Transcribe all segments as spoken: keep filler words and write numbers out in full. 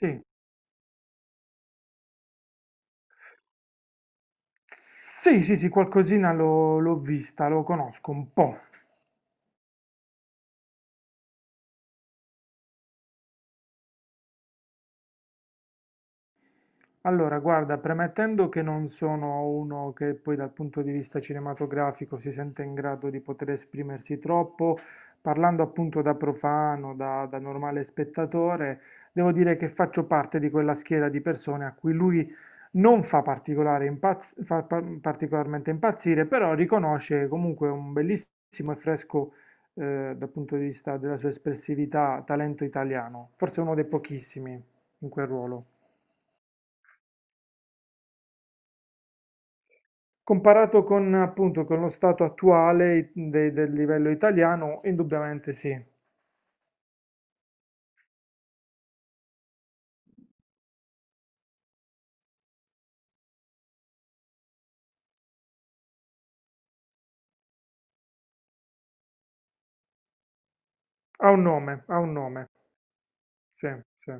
Sì, sì, sì, sì, qualcosina l'ho l'ho vista, lo conosco un po'. Allora, guarda, premettendo che non sono uno che poi dal punto di vista cinematografico si sente in grado di poter esprimersi troppo, parlando appunto da profano, da, da normale spettatore, devo dire che faccio parte di quella schiera di persone a cui lui non fa particolare impazz- fa pa- particolarmente impazzire, però riconosce comunque un bellissimo e fresco, eh, dal punto di vista della sua espressività, talento italiano, forse uno dei pochissimi in quel ruolo. Comparato con, appunto, con lo stato attuale i- de- del livello italiano, indubbiamente sì. Ha un nome, ha un nome. Sì, sì.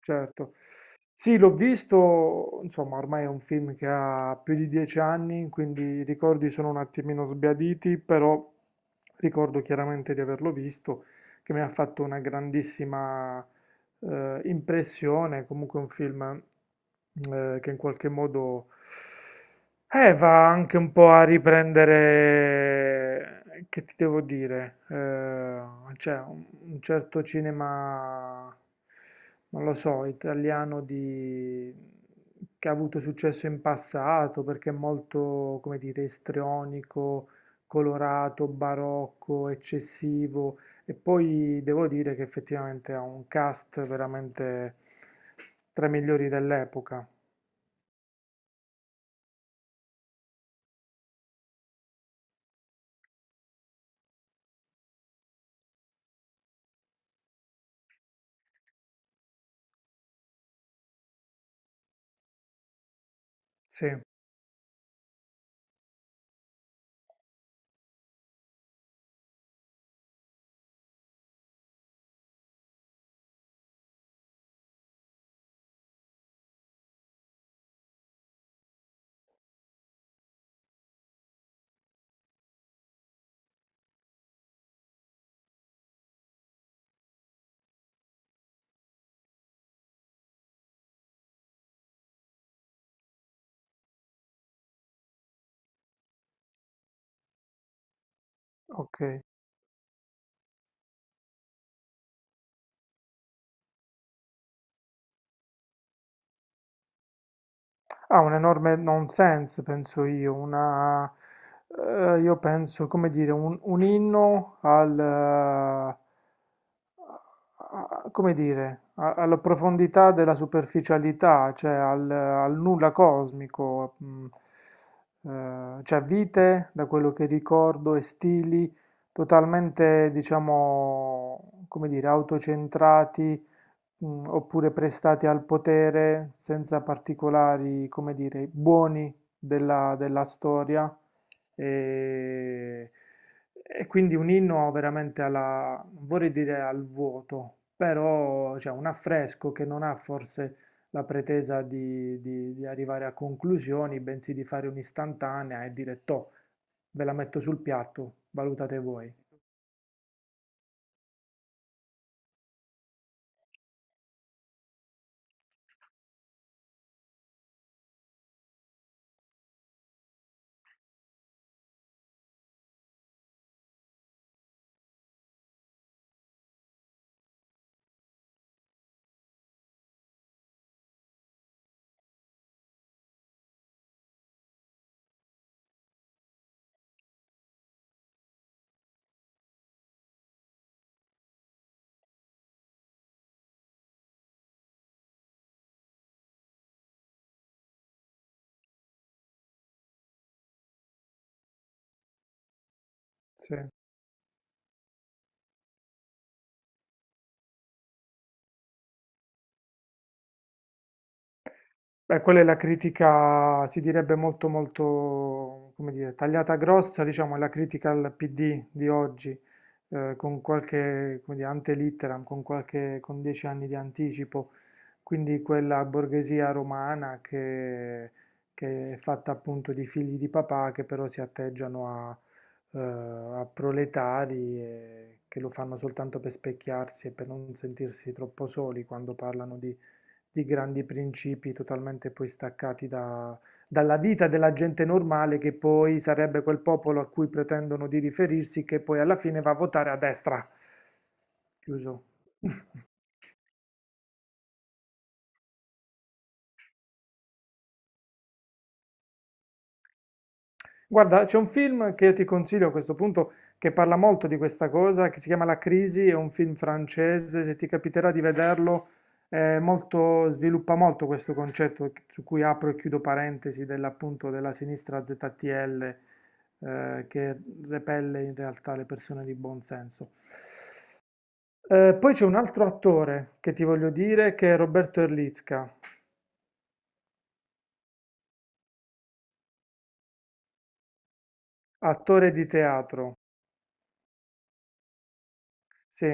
Certo. Sì, l'ho visto, insomma, ormai è un film che ha più di dieci anni, quindi i ricordi sono un attimino sbiaditi, però ricordo chiaramente di averlo visto, che mi ha fatto una grandissima eh, impressione, comunque un film eh, che in qualche modo eh, va anche un po' a riprendere, che ti devo dire, eh, cioè un, un certo cinema non lo so, italiano di... che ha avuto successo in passato perché è molto, come dire, istrionico, colorato, barocco, eccessivo. E poi devo dire che effettivamente ha un cast veramente tra i migliori dell'epoca. Sì, ok. Ha un enorme nonsense, penso io, una, eh, io penso, come dire, un, un inno al, eh, a- come dire, a- alla profondità della superficialità, cioè al, al nulla cosmico, mm, eh, cioè vite, da quello che ricordo, e stili totalmente, diciamo, come dire, autocentrati mh, oppure prestati al potere senza particolari, come dire, buoni della, della storia. E, e quindi un inno veramente alla, non vorrei dire al vuoto, però cioè, un affresco che non ha forse la pretesa di, di- di arrivare a conclusioni, bensì di fare un'istantanea e dire, toh, ve la metto sul piatto, valutate voi. Sì. Beh, quella è la critica, si direbbe molto, molto, come dire, tagliata grossa, diciamo, è la critica al P D di oggi, eh, con qualche, come dire, ante litteram, con qualche, con dieci anni di anticipo, quindi quella borghesia romana che, che è fatta appunto di figli di papà che però si atteggiano a, eh, a proletari e che lo fanno soltanto per specchiarsi e per non sentirsi troppo soli quando parlano di di grandi principi totalmente poi staccati da- dalla vita della gente normale, che poi sarebbe quel popolo a cui pretendono di riferirsi, che poi alla fine va a votare a destra. Chiuso. Guarda, c'è un film che io ti consiglio a questo punto che parla molto di questa cosa, che si chiama La Crisi, è un film francese, se ti capiterà di vederlo, è molto- sviluppa molto questo concetto che- su cui apro e chiudo parentesi dell'appunto della sinistra Z T L, eh, che repelle in realtà le persone di buon senso. Eh, poi c'è un altro attore che ti voglio dire, che è Roberto Erlitzka, attore di teatro. Sì,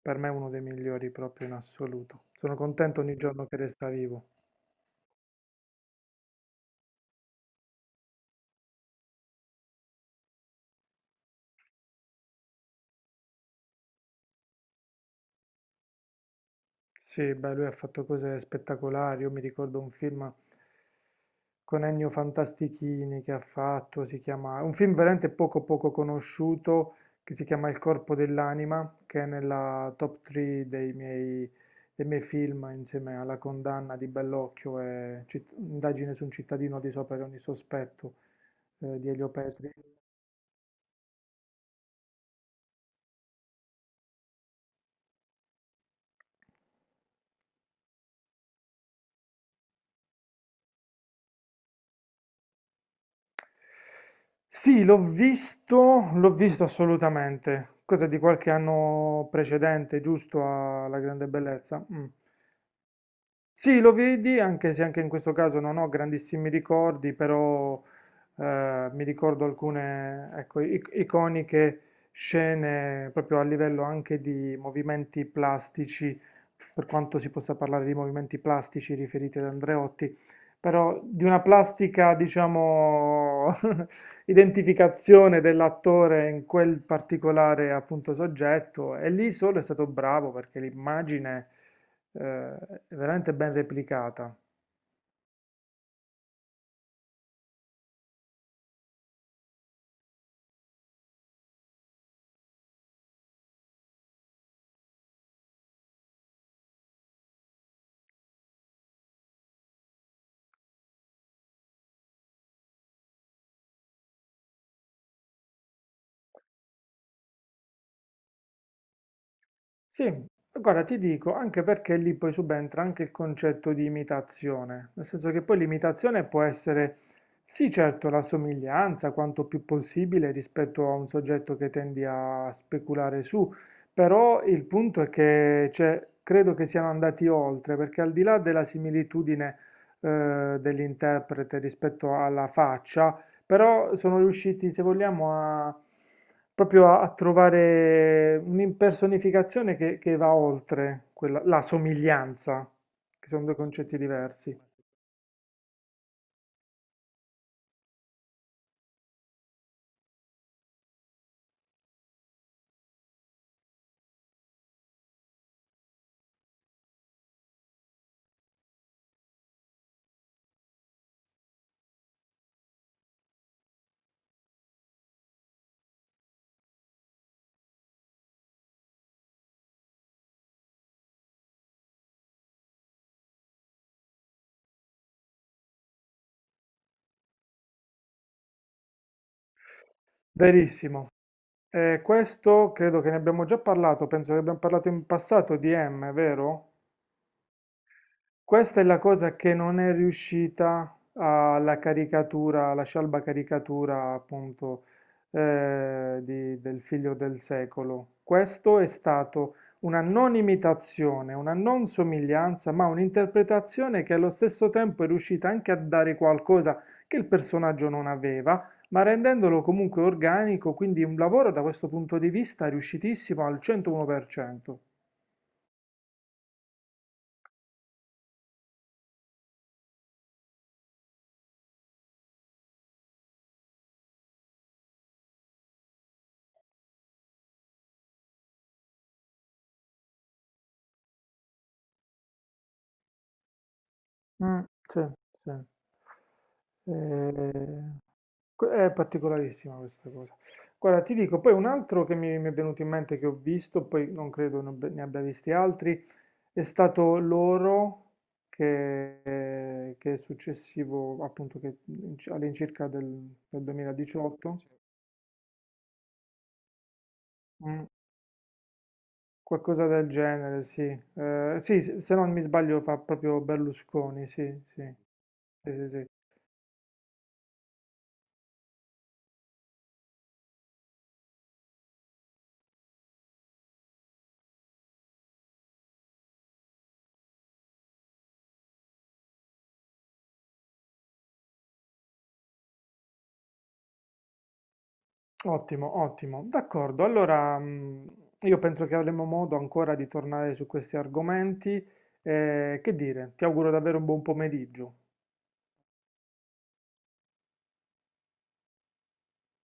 per me è uno dei migliori proprio in assoluto. Sono contento ogni giorno che resta vivo. Sì, beh, lui ha fatto cose spettacolari. Io mi ricordo un film con Ennio Fantastichini che ha fatto, si chiama, un film veramente poco poco conosciuto che si chiama Il corpo dell'anima, che è nella top tre dei miei, dei miei film insieme alla condanna di Bellocchio e Citt- Indagine su un cittadino di sopra di ogni sospetto eh, di Elio Petri. Sì, l'ho visto, l'ho visto assolutamente. Cosa di qualche anno precedente, giusto alla grande bellezza. Mm. Sì, lo vedi, anche se anche in questo caso non ho grandissimi ricordi, però eh, mi ricordo alcune, ecco, i- iconiche scene proprio a livello anche di movimenti plastici, per quanto si possa parlare di movimenti plastici riferiti ad Andreotti, però di una plastica, diciamo, identificazione dell'attore in quel particolare appunto soggetto, e lì solo è stato bravo perché l'immagine eh, veramente ben replicata. Sì, guarda, ti dico, anche perché lì poi subentra anche il concetto di imitazione, nel senso che poi l'imitazione può essere, sì, certo, la somiglianza quanto più possibile rispetto a un soggetto che tendi a speculare su, però il punto è che cioè, credo che siano andati oltre, perché al di là della similitudine eh, dell'interprete rispetto alla faccia, però sono riusciti, se vogliamo, a proprio a, a trovare un'impersonificazione che, che va oltre quella- la somiglianza, che sono due concetti diversi. Verissimo. Eh, questo credo che ne abbiamo già parlato, penso che abbiamo parlato in passato di M, vero? Questa è la cosa che non è riuscita alla caricatura, alla scialba caricatura appunto eh, di- del figlio del secolo. Questo è stato una non imitazione, una non somiglianza, ma un'interpretazione che allo stesso tempo è riuscita anche a dare qualcosa che il personaggio non aveva, ma rendendolo comunque organico, quindi un lavoro da questo punto di vista riuscitissimo al centouno per cento. Mh, sì, sì. Ehm, que è particolarissima questa cosa. Guarda, ti dico, poi un altro che mi mi è venuto in mente che ho visto, poi non credo ne abbi ne abbia visti altri, è stato l'oro che che è successivo appunto che in ci all'incirca del del duemiladiciotto, mh, qualcosa del genere, sì. Ehm, sì, s se non mi sbaglio fa proprio Berlusconi, sì, sì. Sì, sì, sì. Ottimo, ottimo. D'accordo, allora mm, io penso che avremo modo ancora di tornare su questi argomenti. Eh, che dire, ti auguro davvero un buon pomeriggio.